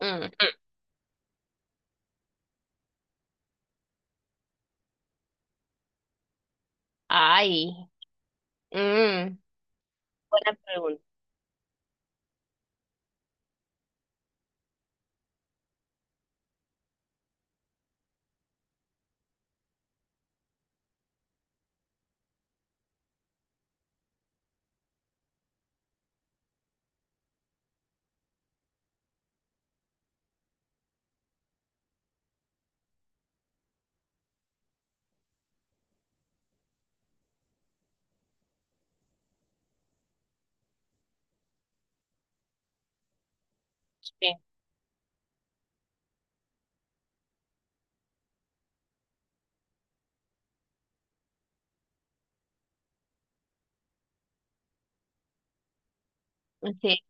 Mm, mm. Ay, mm, buena pregunta. Sí. Sí,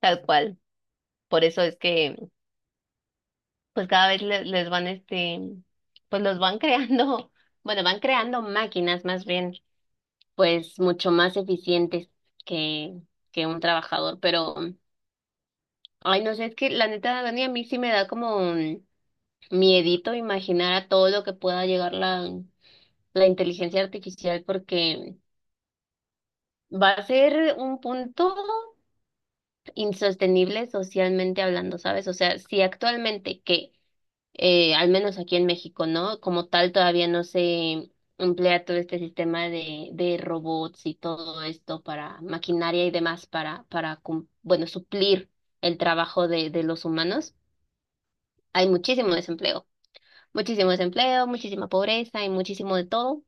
tal cual. Por eso es que, pues cada vez les van, pues los van creando, bueno, van creando máquinas más bien. Pues mucho más eficientes que, que un trabajador. Pero, ay, no sé, es que la neta, Dani, a mí sí me da como un miedito imaginar a todo lo que pueda llegar la inteligencia artificial porque va a ser un punto insostenible socialmente hablando, ¿sabes? O sea, si actualmente que, al menos aquí en México, ¿no? Como tal, todavía no se emplea todo este sistema de robots y todo esto para maquinaria y demás para bueno, suplir el trabajo de los humanos. Hay muchísimo desempleo, muchísima pobreza y muchísimo de todo.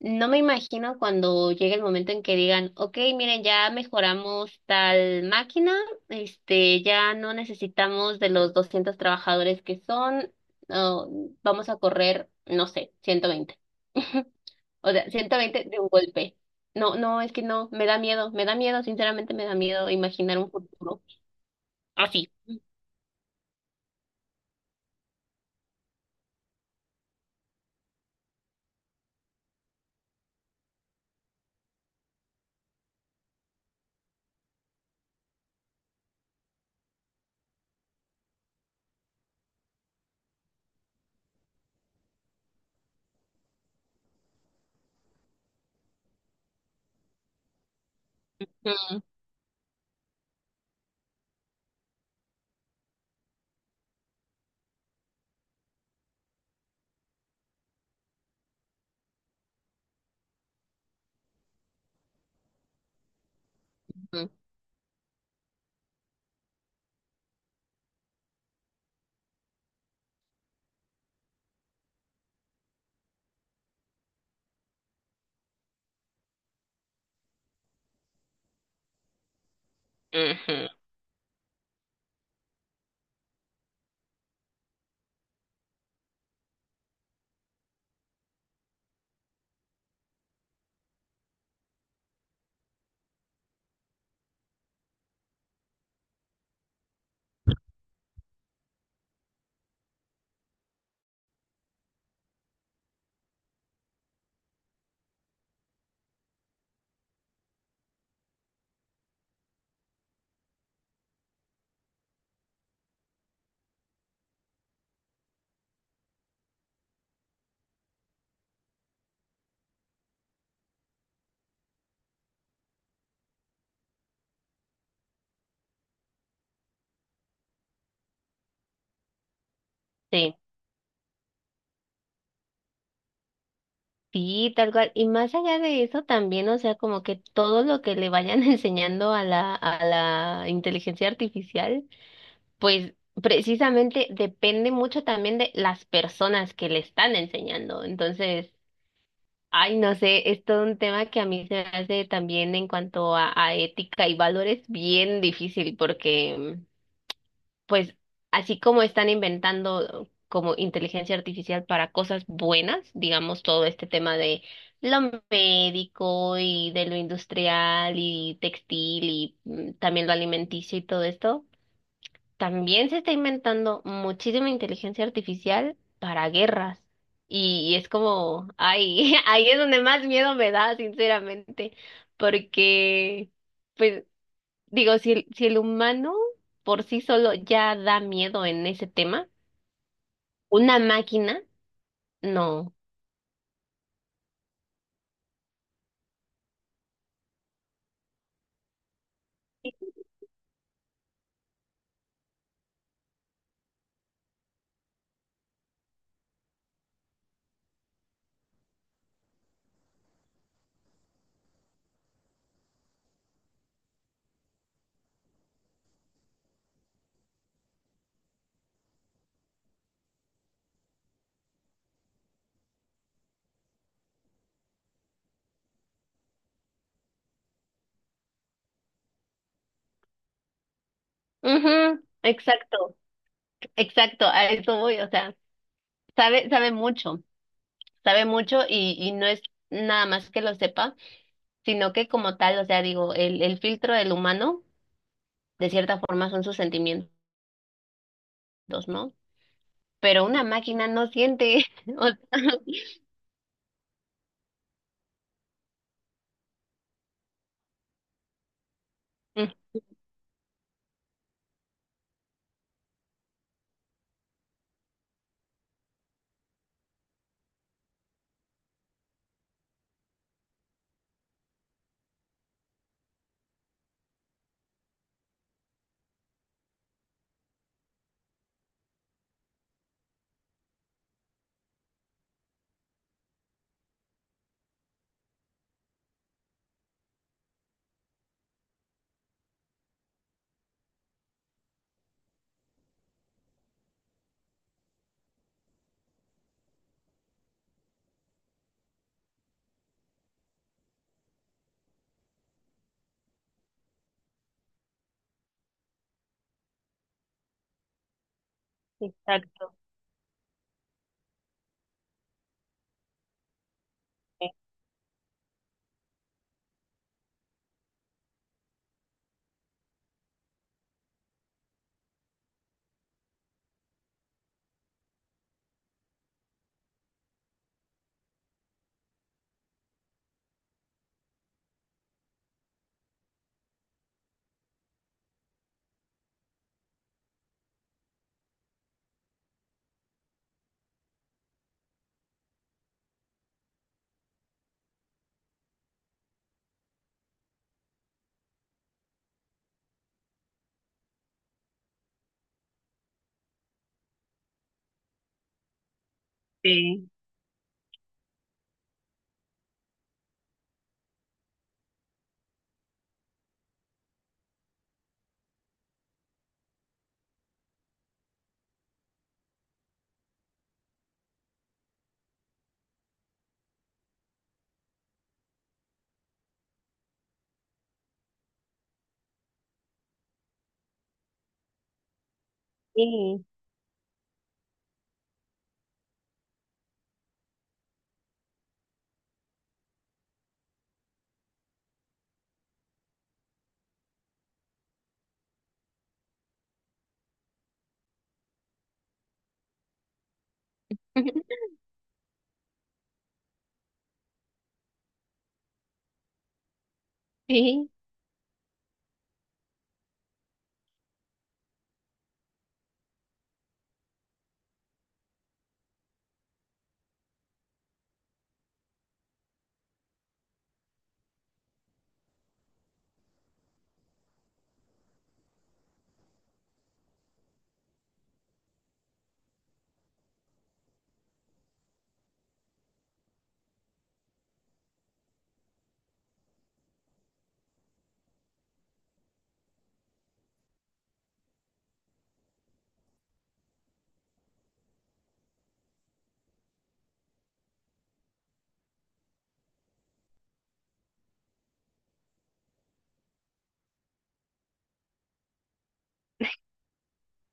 No me imagino cuando llegue el momento en que digan, ok, miren, ya mejoramos tal máquina. Ya no necesitamos de los 200 trabajadores que son. No, vamos a correr, no sé, 120. O sea, 120 de un golpe. No, no, es que no, me da miedo, sinceramente me da miedo imaginar un futuro así. Ujú, ujú. Sí. Sí. tal cual. Y más allá de eso también, o sea, como que todo lo que le vayan enseñando a la inteligencia artificial, pues precisamente depende mucho también de las personas que le están enseñando. Entonces, ay, no sé, es todo un tema que a mí se me hace también en cuanto a ética y valores bien difícil porque pues así como están inventando como inteligencia artificial para cosas buenas, digamos todo este tema de lo médico y de lo industrial y textil y también lo alimenticio y todo esto. También se está inventando muchísima inteligencia artificial para guerras. Y es como, ay, ahí es donde más miedo me da, sinceramente, porque. Pues digo, si el humano por sí solo ya da miedo en ese tema, una máquina, no. Ujú, exacto, exacto, a eso voy, o sea, sabe, sabe mucho, sabe mucho y no es nada más que lo sepa, sino que como tal, o sea, digo, el filtro del humano, de cierta forma, son sus sentimientos, ¿no? Pero una máquina no siente. O sea, exacto. Sí. Sí. Sí.